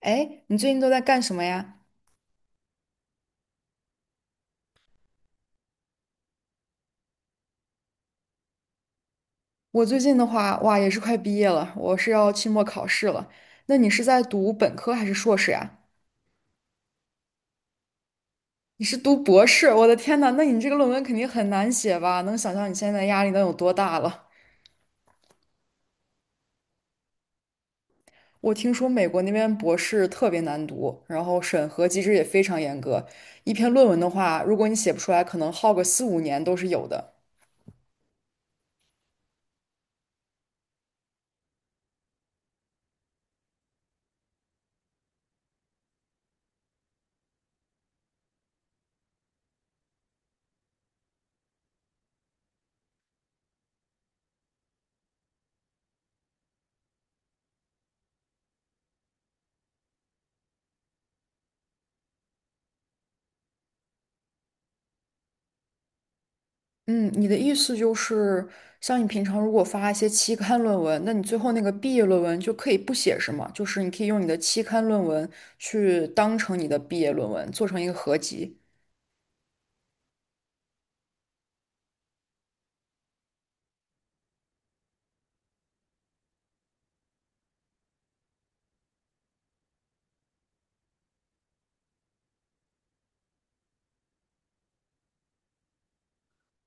哎，你最近都在干什么呀？我最近的话，哇，也是快毕业了，我是要期末考试了。那你是在读本科还是硕士呀？你是读博士？我的天呐，那你这个论文肯定很难写吧？能想象你现在的压力能有多大了？我听说美国那边博士特别难读，然后审核机制也非常严格。一篇论文的话，如果你写不出来，可能耗个4、5年都是有的。嗯，你的意思就是，像你平常如果发一些期刊论文，那你最后那个毕业论文就可以不写，是吗？就是你可以用你的期刊论文去当成你的毕业论文，做成一个合集。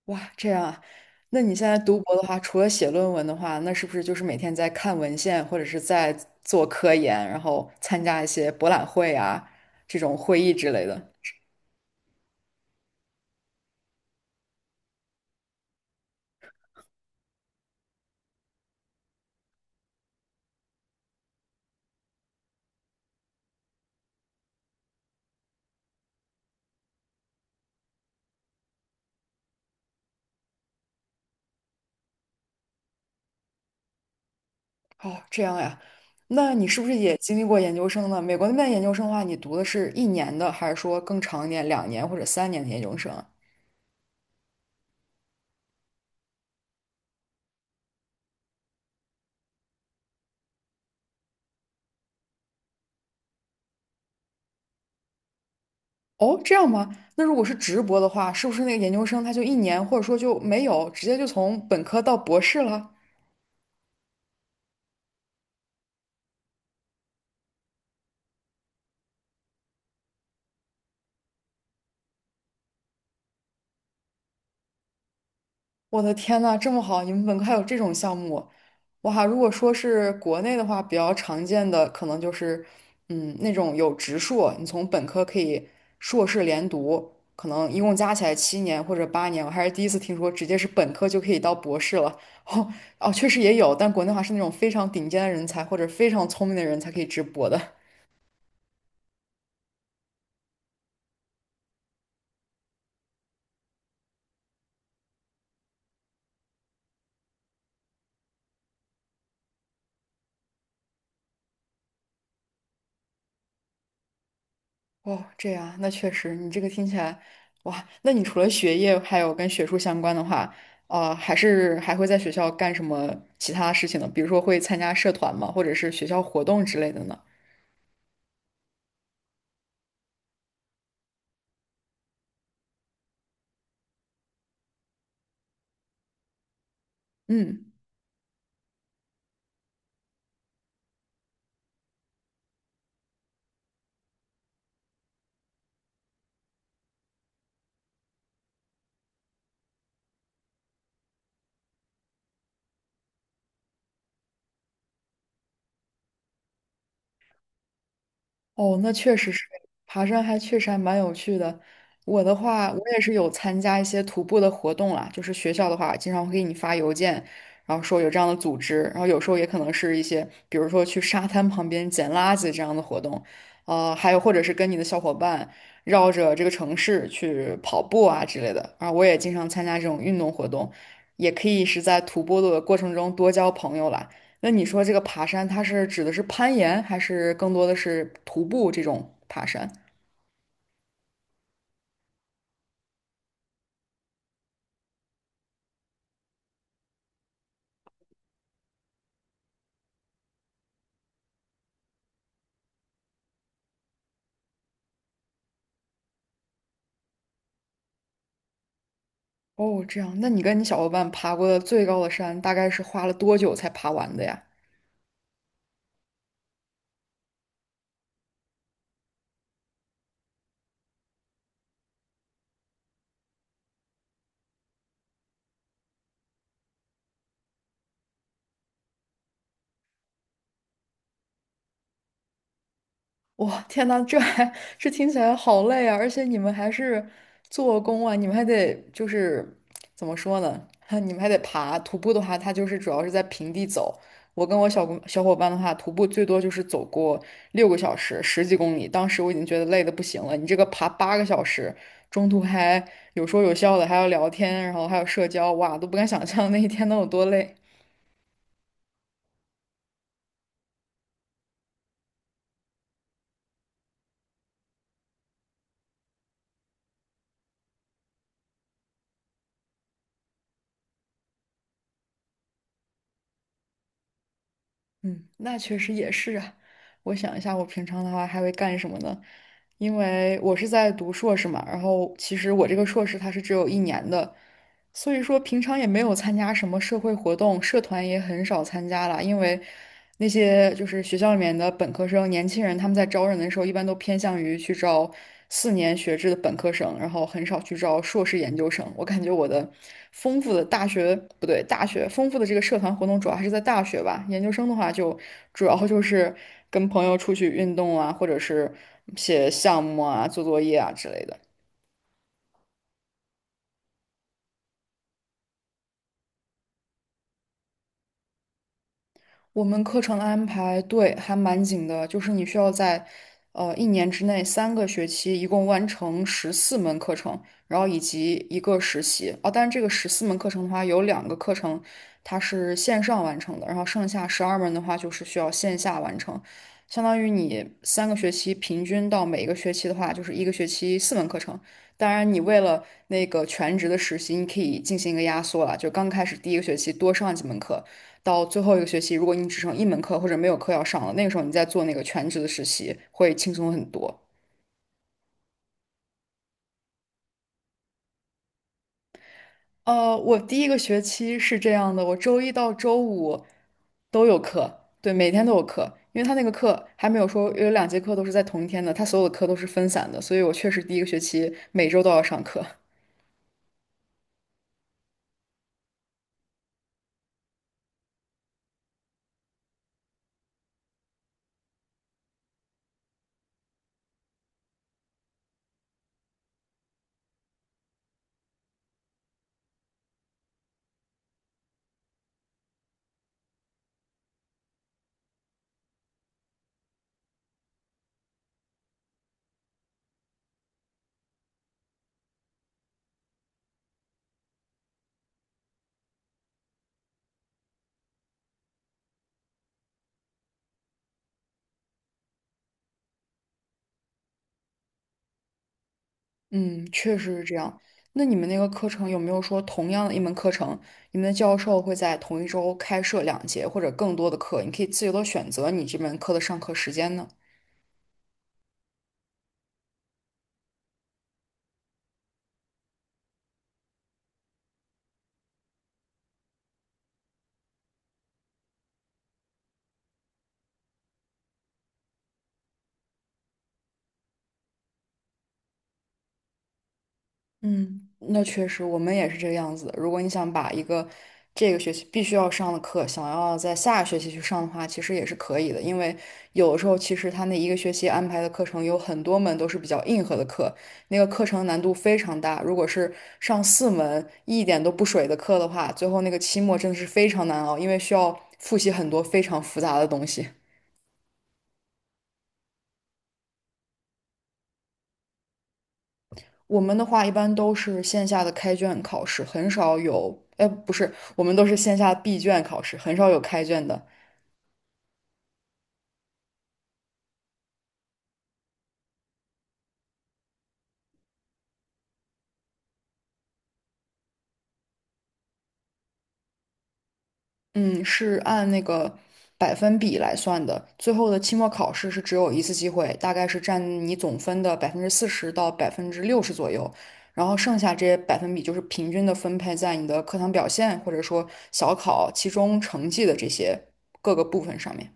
哇，这样啊？那你现在读博的话，除了写论文的话，那是不是就是每天在看文献，或者是在做科研，然后参加一些博览会啊，这种会议之类的？哦，这样呀，那你是不是也经历过研究生呢？美国那边研究生的话，你读的是一年的，还是说更长一点，两年或者三年的研究生啊哦，这样吗？那如果是直博的话，是不是那个研究生他就一年，或者说就没有，直接就从本科到博士了？我的天呐，这么好！你们本科还有这种项目，哇！如果说是国内的话，比较常见的可能就是，嗯，那种有直硕，你从本科可以硕士连读，可能一共加起来7年或者8年。我还是第一次听说直接是本科就可以到博士了。哦哦，确实也有，但国内的话是那种非常顶尖的人才或者非常聪明的人才可以直博的。哦，这样，那确实，你这个听起来，哇，那你除了学业还有跟学术相关的话，还会在学校干什么其他事情呢？比如说会参加社团吗？或者是学校活动之类的呢？嗯。哦，那确实是，爬山还确实还蛮有趣的。我的话，我也是有参加一些徒步的活动啦，就是学校的话，经常会给你发邮件，然后说有这样的组织，然后有时候也可能是一些，比如说去沙滩旁边捡垃圾这样的活动，还有或者是跟你的小伙伴绕着这个城市去跑步啊之类的。啊，我也经常参加这种运动活动，也可以是在徒步的过程中多交朋友啦。那你说这个爬山，它是指的是攀岩，还是更多的是徒步这种爬山？哦，这样，那你跟你小伙伴爬过的最高的山，大概是花了多久才爬完的呀？哇，天呐，这听起来好累啊！而且你们还是做工啊，你们还得就是怎么说呢？你们还得爬。徒步的话，它就是主要是在平地走。我跟我小伙伴的话，徒步最多就是走过6个小时，十几公里。当时我已经觉得累得不行了。你这个爬8个小时，中途还有说有笑的，还要聊天，然后还有社交，哇，都不敢想象那一天能有多累。嗯，那确实也是啊。我想一下，我平常的话还会干什么呢？因为我是在读硕士嘛，然后其实我这个硕士它是只有一年的，所以说，平常也没有参加什么社会活动，社团也很少参加了，因为那些就是学校里面的本科生、年轻人，他们在招人的时候，一般都偏向于去招4年学制的本科生，然后很少去招硕士研究生。我感觉我的丰富的大学，不对，大学丰富的这个社团活动主要还是在大学吧，研究生的话就主要就是跟朋友出去运动啊，或者是写项目啊、做作业啊之类的。我们课程安排对还蛮紧的，就是你需要在一年之内三个学期一共完成十四门课程，然后以及一个实习啊。但是这个十四门课程的话，有两个课程它是线上完成的，然后剩下12门的话就是需要线下完成。相当于你三个学期平均到每一个学期的话，就是一个学期四门课程。当然，你为了那个全职的实习，你可以进行一个压缩了，就刚开始第一个学期多上几门课。到最后一个学期，如果你只剩一门课或者没有课要上了，那个时候你再做那个全职的实习会轻松很多。我第一个学期是这样的，我周一到周五都有课，对，每天都有课，因为他那个课还没有说有两节课都是在同一天的，他所有的课都是分散的，所以我确实第一个学期每周都要上课。嗯，确实是这样。那你们那个课程有没有说同样的一门课程，你们的教授会在同一周开设两节或者更多的课，你可以自由的选择你这门课的上课时间呢？嗯，那确实，我们也是这个样子的。如果你想把一个这个学期必须要上的课，想要在下个学期去上的话，其实也是可以的。因为有的时候，其实他那一个学期安排的课程有很多门都是比较硬核的课，那个课程难度非常大。如果是上四门一点都不水的课的话，最后那个期末真的是非常难熬，因为需要复习很多非常复杂的东西。我们的话一般都是线下的开卷考试，很少有，哎，不是，我们都是线下闭卷考试，很少有开卷的。嗯，是按那个百分比来算的。最后的期末考试是只有一次机会，大概是占你总分的40%到60%左右。然后剩下这些百分比就是平均的分配在你的课堂表现，或者说小考、期中成绩的这些各个部分上面。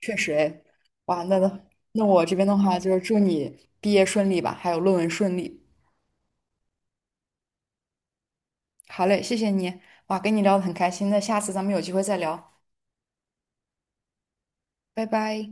确实哎，哇，那我这边的话就是祝你毕业顺利吧，还有论文顺利。好嘞，谢谢你，哇，跟你聊得很开心，那下次咱们有机会再聊，拜拜。